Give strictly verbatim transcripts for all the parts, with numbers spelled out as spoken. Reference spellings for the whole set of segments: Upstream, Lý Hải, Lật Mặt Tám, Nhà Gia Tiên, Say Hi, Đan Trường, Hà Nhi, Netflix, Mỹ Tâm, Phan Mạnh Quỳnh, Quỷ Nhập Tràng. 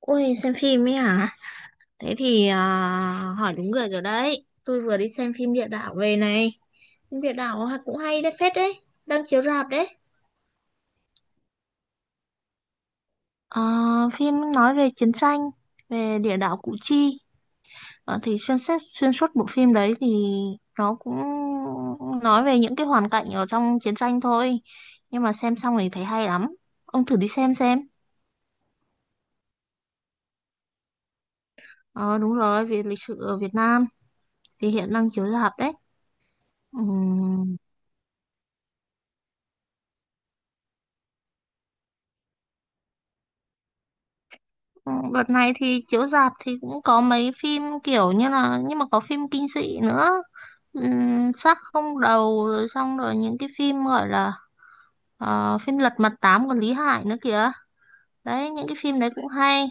Ôi xem phim ấy hả? Thế thì à, hỏi đúng người rồi đấy. Tôi vừa đi xem phim địa đạo về này. Phim địa đạo ha- cũng hay đấy phết đấy. Đang chiếu rạp đấy. Ờ, Phim nói về chiến tranh, về địa đạo Củ Chi. Ờ, thì xuyên xét xuyên suốt bộ phim đấy thì nó cũng nói về những cái hoàn cảnh ở trong chiến tranh thôi. Nhưng mà xem xong thì thấy hay lắm. Ông thử đi xem xem. Ờ, đúng rồi, về lịch sử ở Việt Nam thì hiện đang chiếu rạp đấy. Ừ. Ừ, Đợt này thì chiếu rạp thì cũng có mấy phim kiểu như là, nhưng mà có phim kinh dị nữa. Ừm, xác không đầu, rồi xong rồi những cái phim gọi là ờ, phim Lật Mặt Tám của Lý Hải nữa kìa, đấy những cái phim đấy cũng hay.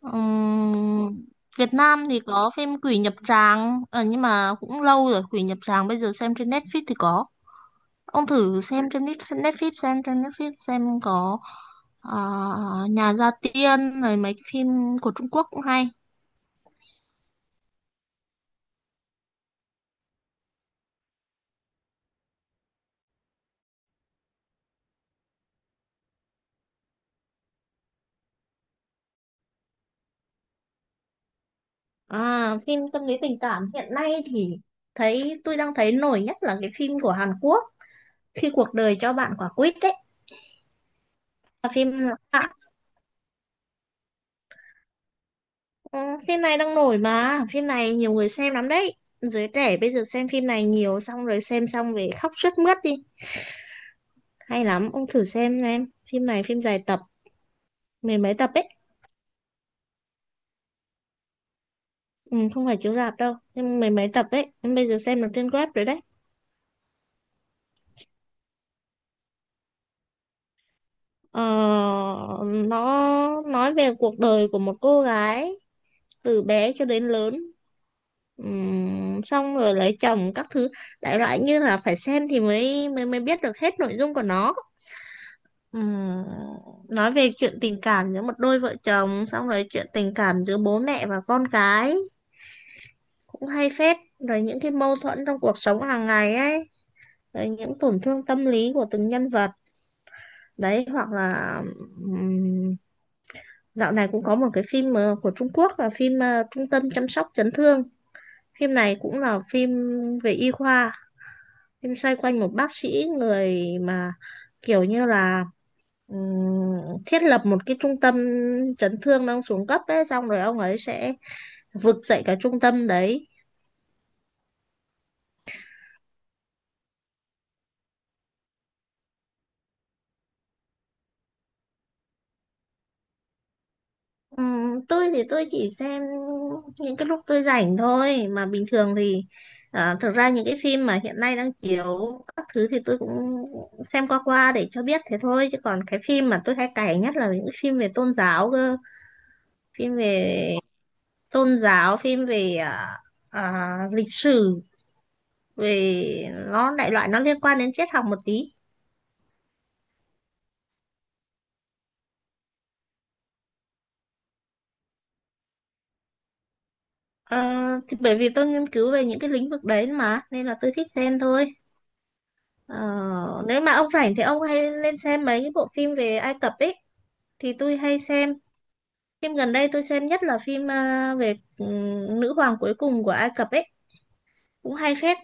Ừm, Việt Nam thì có phim Quỷ Nhập Tràng, ờ, nhưng mà cũng lâu rồi. Quỷ Nhập Tràng bây giờ xem trên Netflix thì có, ông thử xem trên Netflix Netflix xem trên Netflix xem có ờ, Nhà Gia Tiên rồi mấy cái phim của Trung Quốc cũng hay. À, phim tâm lý tình cảm hiện nay thì thấy tôi đang thấy nổi nhất là cái phim của Hàn Quốc, khi cuộc đời cho bạn quả quýt đấy, là phim à, ừ, phim này đang nổi mà, phim này nhiều người xem lắm đấy. Giới trẻ bây giờ xem phim này nhiều, xong rồi xem xong về khóc sướt mướt đi, hay lắm. Ông thử xem xem phim này, phim dài tập, mười mấy tập ấy. Ừ, không phải chiếu rạp đâu, nhưng mười mấy tập ấy, em bây giờ xem được trên web rồi đấy. Ờ, nó nói về cuộc đời của một cô gái từ bé cho đến lớn. Ừm, xong rồi lấy chồng các thứ, đại loại như là phải xem thì mới mới mới biết được hết nội dung của nó. Ừm, nói về chuyện tình cảm giữa một đôi vợ chồng, xong rồi chuyện tình cảm giữa bố mẹ và con cái, cũng hay phết, rồi những cái mâu thuẫn trong cuộc sống hàng ngày ấy, rồi những tổn thương tâm lý của từng nhân vật đấy. Hoặc là ừm, dạo này cũng có một cái phim ờ, của Trung Quốc, là phim ờ, Trung tâm chăm sóc chấn thương. Phim này cũng là phim về y khoa. Phim xoay quanh một bác sĩ, người mà kiểu như là ừm, thiết lập một cái trung tâm chấn thương đang xuống cấp ấy, xong rồi ông ấy sẽ vực dậy cả trung tâm đấy. Ừm, tôi thì tôi chỉ xem những cái lúc tôi rảnh thôi, mà bình thường thì à, thực ra những cái phim mà hiện nay đang chiếu các thứ thì tôi cũng xem qua qua để cho biết thế thôi, chứ còn cái phim mà tôi hay cày nhất là những cái phim về tôn giáo cơ, phim về tôn giáo, phim về à, à, lịch sử, về nó đại loại nó liên quan đến triết học một tí. Ờ, thì bởi vì tôi nghiên cứu về những cái lĩnh vực đấy mà, nên là tôi thích xem thôi. Ờ, nếu mà ông rảnh thì ông hay lên xem mấy cái bộ phim về Ai Cập ấy, thì tôi hay xem. Phim gần đây tôi xem nhất là phim à, về ừm, nữ hoàng cuối cùng của Ai Cập ấy, cũng hay phết.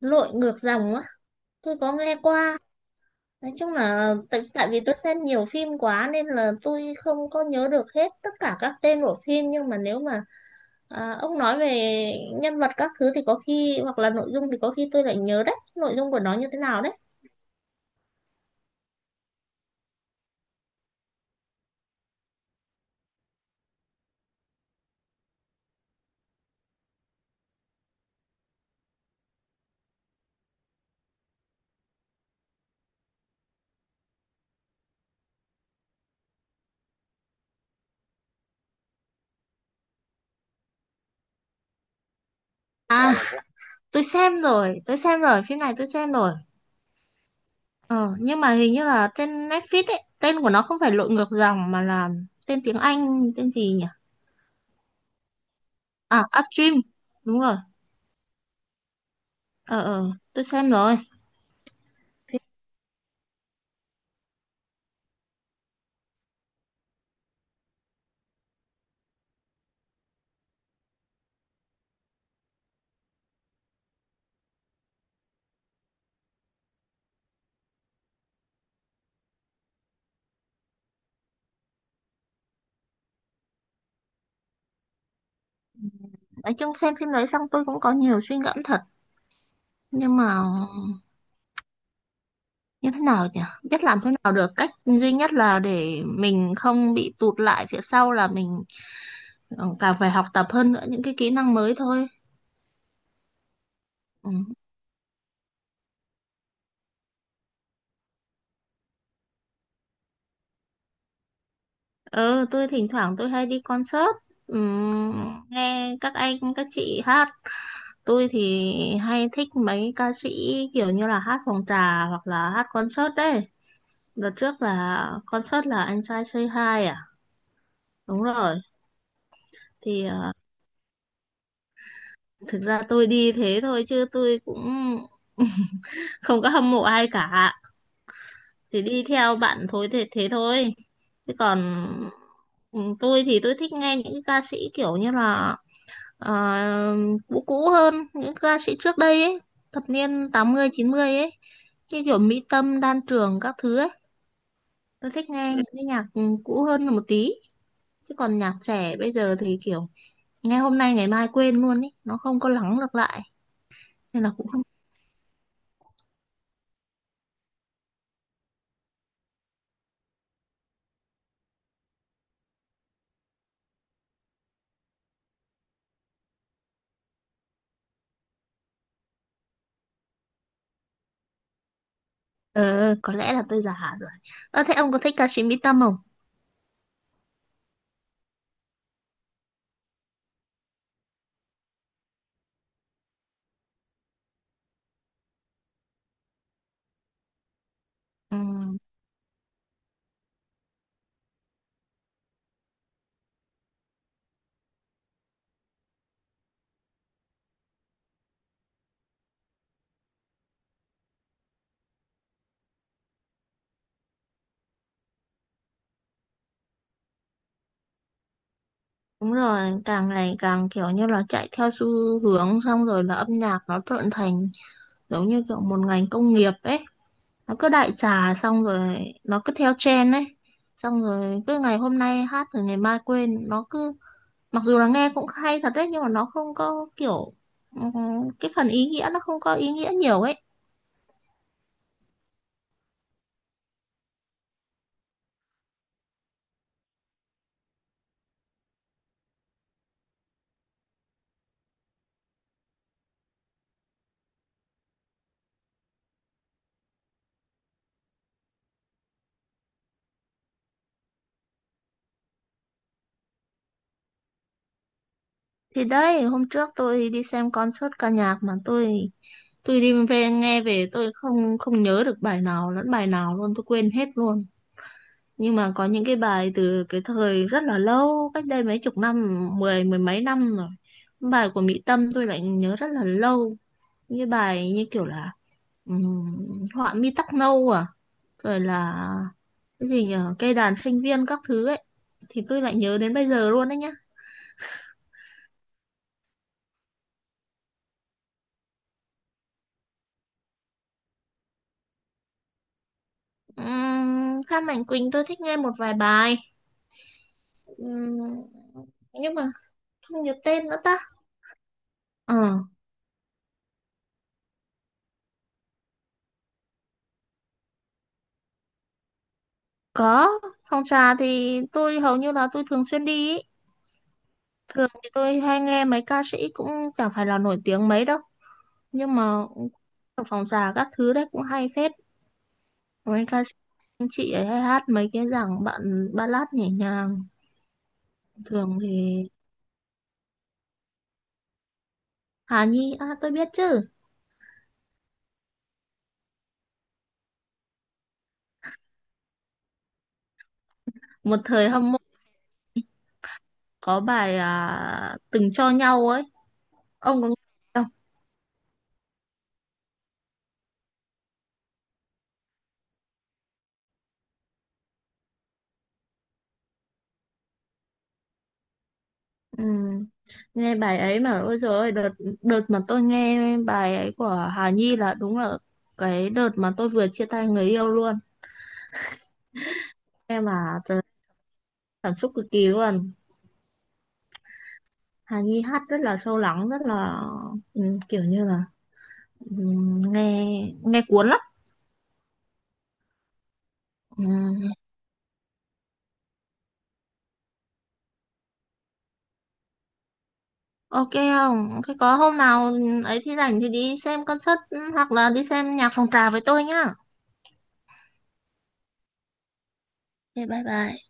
Lội ngược dòng á? Tôi có nghe qua. Nói chung là tại, tại vì tôi xem nhiều phim quá nên là tôi không có nhớ được hết tất cả các tên của phim, nhưng mà nếu mà à, ông nói về nhân vật các thứ thì có khi, hoặc là nội dung thì có khi tôi lại nhớ đấy, nội dung của nó như thế nào đấy. À, tôi xem rồi, tôi xem rồi, phim này tôi xem rồi. Ờ, nhưng mà hình như là trên Netflix ấy, tên của nó không phải lội ngược dòng mà là tên tiếng Anh, tên gì nhỉ? À, Upstream, đúng rồi. Ờ, ờ, tôi xem rồi. Phim- Nói chung xem phim đấy xong tôi cũng có nhiều suy ngẫm thật. Nhưng mà như thế nào nhỉ, biết làm thế nào được, cách duy nhất là để mình không bị tụt lại phía sau là mình ừ, càng phải học tập hơn nữa những cái kỹ năng mới thôi. Ừ. Ừ, tôi thỉnh thoảng tôi hay đi concert, ừ, nghe các anh các chị hát. Tôi thì hay thích mấy ca sĩ kiểu như là hát phòng trà hoặc là hát concert đấy. Đợt trước là concert là anh trai Say Hi, à đúng rồi. Thì ờ, thực ra tôi đi thế thôi chứ tôi cũng không có hâm mộ ai cả, thì đi theo bạn thôi, thế thế thôi, chứ còn ừ, tôi thì tôi thích nghe những cái ca sĩ kiểu như là ờ, cũ, cũ hơn những ca sĩ trước đây ấy, thập niên tám mươi chín mươi ấy, như kiểu Mỹ Tâm, Đan Trường các thứ ấy. Tôi thích nghe những cái nhạc ừ, cũ hơn một tí, chứ còn nhạc trẻ bây giờ thì kiểu nghe hôm nay ngày mai quên luôn ấy, nó không có lắng được lại, nên là cũng không. Ờ, có lẽ là tôi già rồi. Ờ, thế ông có thích ca sĩ Mỹ Tâm không? Ừ. Đúng rồi, càng ngày càng kiểu như là chạy theo xu hướng, xong rồi là âm nhạc nó trở thành giống như kiểu một ngành công nghiệp ấy. Nó cứ đại trà xong rồi nó cứ theo trend ấy. Xong rồi cứ ngày hôm nay hát rồi ngày mai quên. Nó cứ, mặc dù là nghe cũng hay thật đấy, nhưng mà nó không có kiểu, ừm, cái phần ý nghĩa, nó không có ý nghĩa nhiều ấy. Thì đấy, hôm trước tôi đi xem concert ca nhạc mà tôi tôi đi về, nghe về tôi không không nhớ được bài nào lẫn bài nào luôn, tôi quên hết luôn. Nhưng mà có những cái bài từ cái thời rất là lâu, cách đây mấy chục năm, mười mười mấy năm rồi, bài của Mỹ Tâm tôi lại nhớ rất là lâu. Những cái bài như kiểu là ừm, họa mi tóc nâu, à rồi là cái gì nhỉ, cây đàn sinh viên các thứ ấy, thì tôi lại nhớ đến bây giờ luôn đấy nhá. um, Phan Mạnh Quỳnh tôi thích nghe một vài bài. Ừm, nhưng mà không nhớ tên nữa ta. Ờ, có. Phòng trà thì tôi hầu như là tôi thường xuyên đi ý. Thường thì tôi hay nghe mấy ca sĩ cũng chẳng phải là nổi tiếng mấy đâu, nhưng mà ở phòng trà các thứ đấy cũng hay phết. Mấy ca sĩ anh chị ấy hay hát mấy cái dòng bạn ballad nhẹ nhàng. Thường thì Hà Nhi, à tôi biết chứ. Một thời hâm mộ, có bài à, Từng cho nhau ấy, ông có nghe không? Ừ. Nghe bài ấy mà ôi dồi ôi, đợt đợt mà tôi nghe bài ấy của Hà Nhi là đúng là cái đợt mà tôi vừa chia tay người yêu luôn. Em mà trời, cảm xúc cực kỳ luôn. Hà Nhi hát rất là sâu lắng, rất là ừ, kiểu như là, ừ, nghe nghe cuốn lắm. Ừ, ok không, thế có hôm nào ấy thì rảnh thì đi xem concert, ừ, hoặc là đi xem nhạc phòng trà với tôi nhá. Ok bye bye.